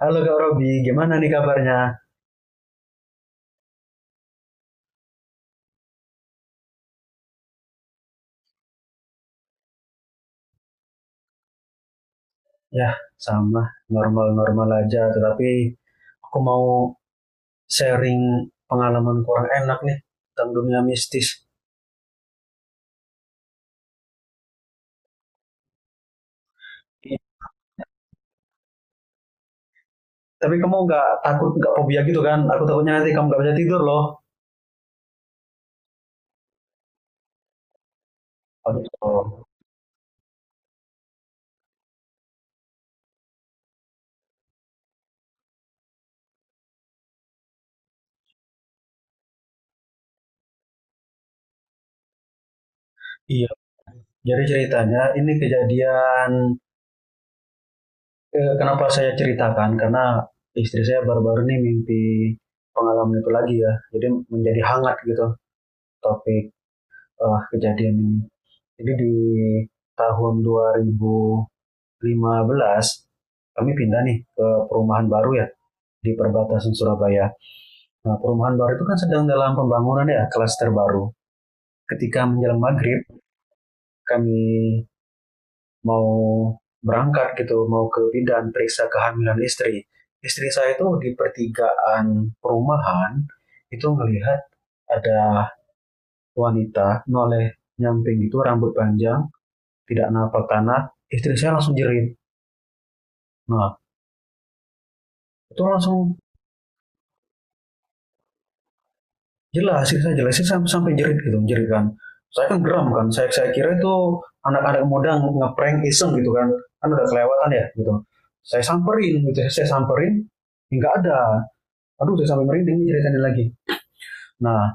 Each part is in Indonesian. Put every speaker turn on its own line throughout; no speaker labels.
Halo Kak Robi, gimana nih kabarnya? Ya, sama, normal-normal aja. Tetapi aku mau sharing pengalaman kurang enak nih tentang dunia mistis. Iya. Tapi kamu nggak takut, nggak fobia gitu kan? Aku takutnya nanti kamu nggak bisa tidur loh. Oh, gitu. Iya. Jadi ceritanya ini kejadian, kenapa saya ceritakan? Karena istri saya baru-baru ini mimpi pengalaman itu lagi ya. Jadi menjadi hangat gitu topik kejadian ini. Jadi di tahun 2015 kami pindah nih ke perumahan baru ya di perbatasan Surabaya. Nah, perumahan baru itu kan sedang dalam pembangunan ya, klaster baru. Ketika menjelang maghrib, kami mau berangkat gitu, mau ke bidan periksa kehamilan istri. Istri saya itu di pertigaan perumahan itu melihat ada wanita noleh nyamping itu rambut panjang, tidak nampak tanah. Istri saya langsung jerit. Nah, itu langsung jelasin saya jelasin sampai sampai jerit gitu jerit kan saya kan geram kan saya kira itu anak-anak muda ngeprank iseng gitu kan kan udah kelewatan ya gitu saya samperin gitu ya, saya samperin nggak ada, aduh saya sampai merinding ceritain lagi. Nah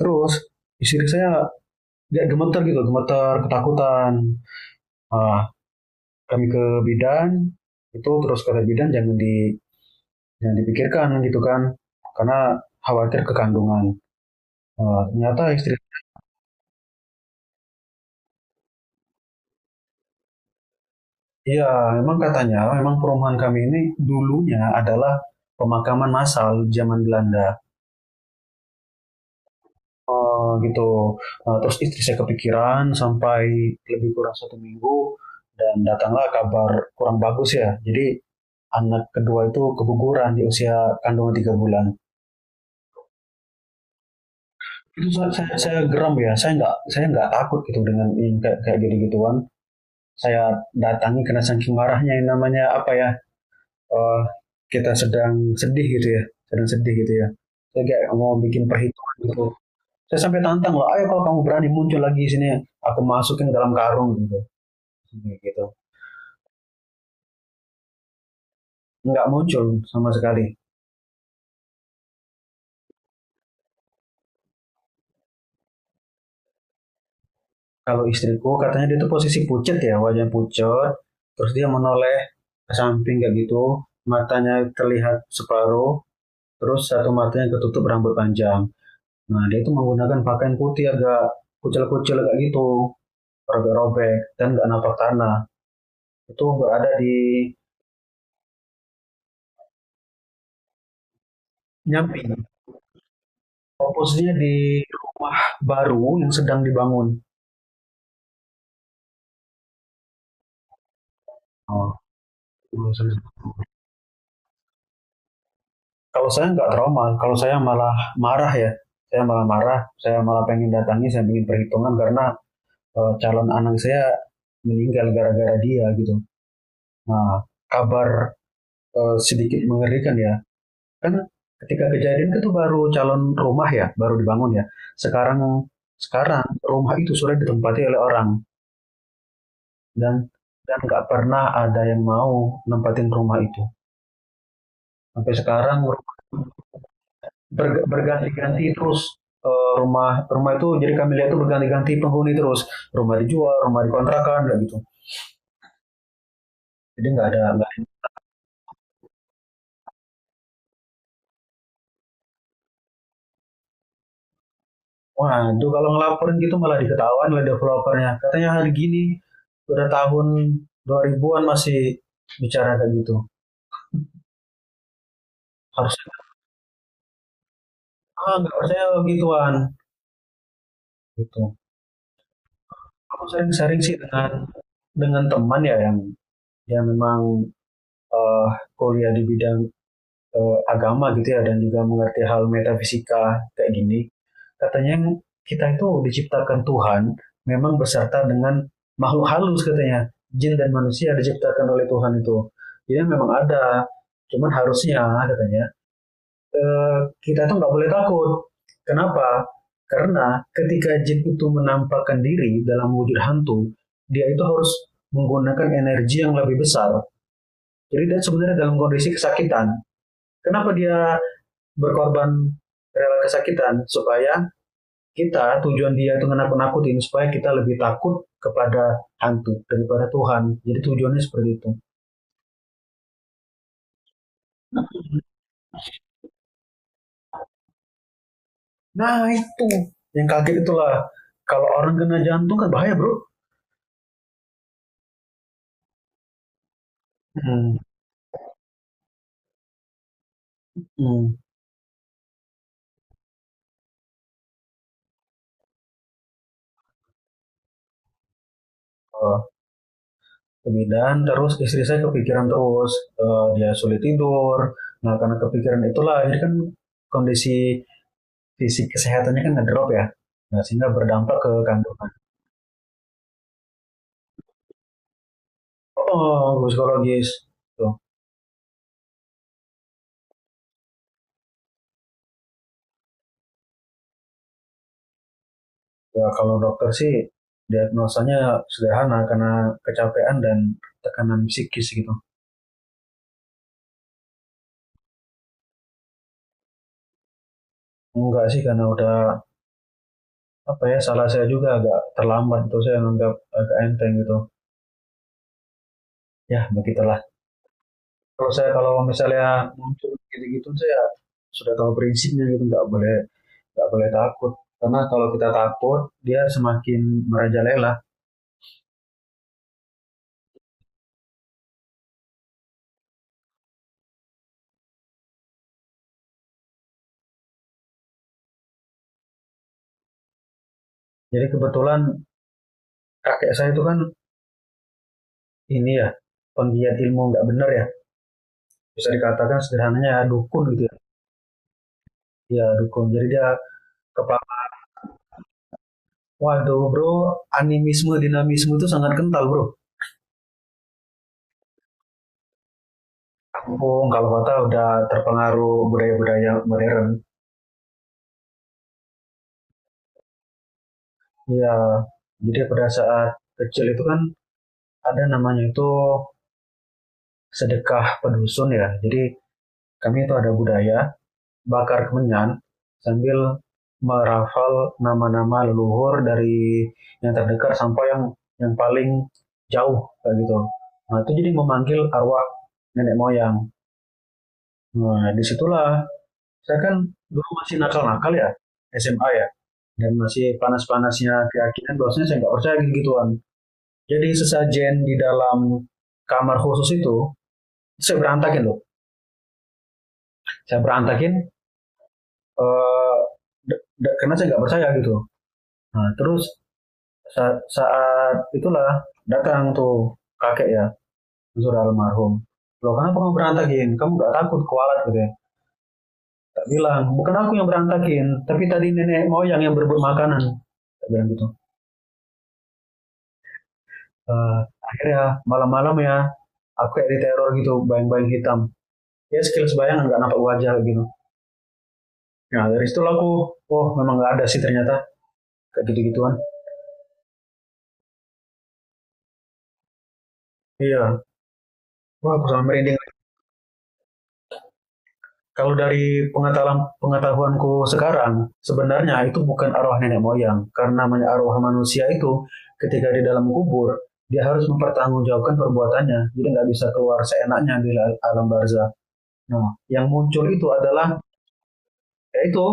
terus istri saya dia gemeter gitu gemeter ketakutan, ah, kami ke bidan itu terus kata bidan jangan di jangan dipikirkan gitu kan karena khawatir kekandungan. Ah, ternyata istri. Iya, memang katanya, memang perumahan kami ini dulunya adalah pemakaman massal zaman Belanda. Gitu. Eh, terus istri saya kepikiran sampai lebih kurang 1 minggu dan datanglah kabar kurang bagus ya. Jadi anak kedua itu keguguran di usia kandungan 3 bulan. Itu saya geram ya. Saya nggak takut gitu dengan yang kayak kayak gitu gituan. Saya datangi karena saking marahnya yang namanya apa ya, eh, kita sedang sedih gitu ya, sedang sedih gitu ya. Saya kayak mau bikin perhitungan gitu. Saya sampai tantang loh, ayo kalau kamu berani muncul lagi di sini, aku masukin dalam karung gitu. Gitu. Nggak muncul sama sekali. Kalau istriku katanya dia tuh posisi pucet ya, wajahnya pucet, terus dia menoleh ke samping kayak gitu, matanya terlihat separuh, terus satu matanya ketutup rambut panjang. Nah, dia itu menggunakan pakaian putih agak kucel-kucel kayak gitu, robek-robek, dan nggak napak tanah. Itu berada di Nyampi. Posnya di rumah baru yang sedang dibangun. Oh. Kalau saya nggak trauma, kalau saya malah marah ya. Saya malah marah, saya malah pengen datangi, saya pengen perhitungan karena, calon anak saya meninggal gara-gara dia gitu. Nah, kabar sedikit mengerikan ya. Kan ketika kejadian itu baru calon rumah ya, baru dibangun ya. Sekarang sekarang rumah itu sudah ditempati oleh orang. dan dan nggak pernah ada yang mau nempatin rumah itu. Sampai sekarang berganti-ganti terus, eh, rumah rumah itu jadi kami lihat tuh berganti-ganti penghuni terus, rumah dijual rumah dikontrakan kayak gitu, jadi nggak ada nggak. Waduh kalau ngelaporin gitu malah diketahuan oleh developernya, katanya hari gini udah tahun 2000-an masih bicara kayak gitu, harusnya ah nggak percaya begituan gitu. Aku sering-sering sih dengan teman ya yang memang, eh, kuliah di bidang agama gitu ya dan juga mengerti hal metafisika kayak gini, katanya kita itu diciptakan Tuhan memang beserta dengan makhluk halus, katanya jin dan manusia diciptakan oleh Tuhan itu, jadi memang ada, cuman harusnya katanya kita itu nggak boleh takut. Kenapa? Karena ketika jin itu menampakkan diri dalam wujud hantu, dia itu harus menggunakan energi yang lebih besar, jadi dia sebenarnya dalam kondisi kesakitan. Kenapa dia berkorban rela kesakitan supaya kita, tujuan dia itu menakut-nakutin supaya kita lebih takut kepada hantu daripada Tuhan. Jadi tujuannya seperti itu. Nah itu yang kaget itulah, kalau orang kena jantung kan bahaya bro. Hmm. Hmm. Eh, kemudian terus istri saya kepikiran terus. Eh, dia sulit tidur. Nah karena kepikiran itulah jadi kan kondisi fisik kesehatannya kan ngedrop ya. Nah sehingga berdampak ke kandungan. Oh, psikologis. Tuh. Ya kalau dokter sih diagnosanya sederhana karena kecapean dan tekanan psikis gitu. Enggak sih karena udah apa ya, salah saya juga agak terlambat itu, saya menganggap agak enteng gitu. Ya begitulah. Kalau saya kalau misalnya muncul gitu-gitu saya sudah tahu prinsipnya gitu, nggak boleh takut karena kalau kita takut dia semakin merajalela. Jadi kebetulan kakek saya itu kan ini ya penggiat ilmu nggak benar ya, bisa dikatakan sederhananya dukun gitu ya. Ya dukun. Jadi dia kepala. Waduh bro, animisme dinamisme itu sangat kental bro. Kampung kalau kata udah terpengaruh budaya-budaya modern. Ya. Jadi pada saat kecil itu kan ada namanya itu sedekah pedusun ya. Jadi kami itu ada budaya bakar kemenyan sambil merafal nama-nama leluhur dari yang terdekat sampai yang paling jauh kayak gitu. Nah itu jadi memanggil arwah nenek moyang. Nah disitulah saya kan dulu masih nakal-nakal ya, SMA ya, dan masih panas-panasnya keyakinan bahwasanya saya nggak percaya gitu-gituan. Jadi sesajen di dalam kamar khusus itu saya berantakin loh. Saya berantakin, eh, karena saya nggak percaya gitu. Nah, terus saat itulah datang tuh kakek ya, Zura almarhum. Loh kenapa kamu berantakin? Kamu gak takut kualat gitu ya? Tak bilang, bukan aku yang berantakin, tapi tadi nenek moyang yang berebut makanan. Tak bilang gitu. Eh, Akhirnya malam-malam ya, aku kayak diteror gitu, bayang-bayang hitam. Ya sekilas bayangan gak nampak wajah gitu. Nah dari situ aku, oh memang gak ada sih ternyata kayak gitu-gituan. Iya, wah aku sampai merinding. Kalau dari pengetahuanku sekarang, sebenarnya itu bukan arwah nenek moyang. Karena arwah manusia itu, ketika di dalam kubur, dia harus mempertanggungjawabkan perbuatannya. Jadi nggak bisa keluar seenaknya di alam barzah. Nah, yang muncul itu adalah, yaitu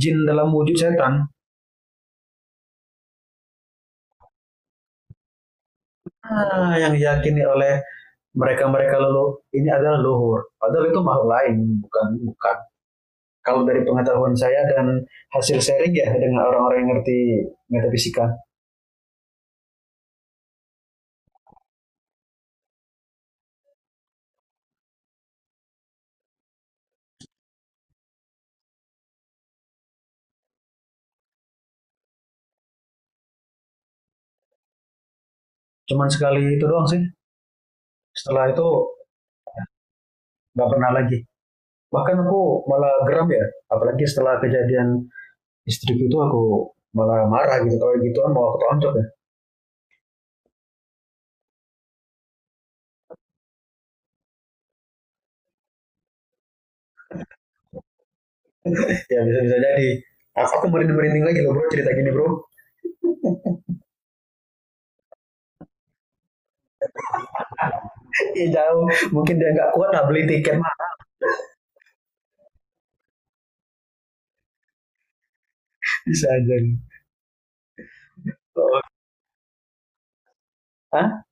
jin dalam wujud setan. Ah, yang diyakini oleh mereka-mereka leluhur, ini adalah luhur. Padahal itu makhluk lain, bukan bukan. Kalau dari pengetahuan saya dan hasil sharing ya dengan orang-orang yang ngerti metafisika. Cuman sekali itu doang sih, setelah itu nggak pernah lagi. Bahkan aku malah geram ya, apalagi setelah kejadian istriku itu aku malah marah gitu, kalau gituan mau aku tonjok ya. Ya bisa bisa jadi. Aku merinding merinding lagi loh bro, cerita gini bro. Ih, jauh, mungkin dia nggak kuat nah beli tiket mah. Bisa aja gitu. Hah?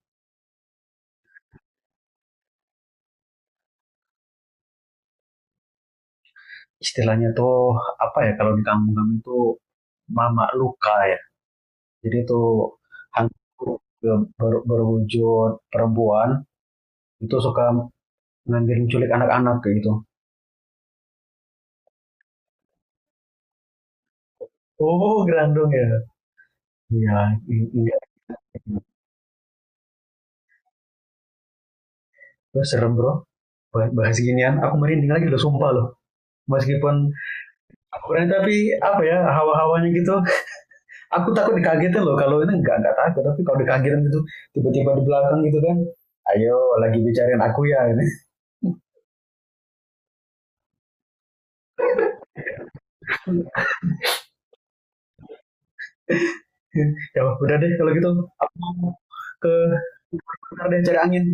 Istilahnya tuh apa ya, kalau di kampung kami itu mama luka ya. Jadi tuh hantu berwujud perempuan itu suka ngambil culik anak-anak kayak gitu. Oh, Grandong ya. Iya, iya. Itu serem bro. Bahas ginian, aku merinding lagi loh, sumpah loh. Meskipun aku berani tapi apa ya hawa-hawanya gitu. Aku takut dikagetin loh. Kalau ini nggak takut, tapi kalau dikagetin gitu, tiba-tiba di belakang gitu kan. Ayo, lagi bicarain aku ya. Gitu. Ya udah deh kalau gitu. Aku mau ke bentar deh cari angin.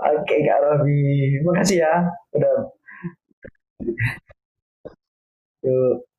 Oke, Kak Robi. Makasih ya. Udah yuk.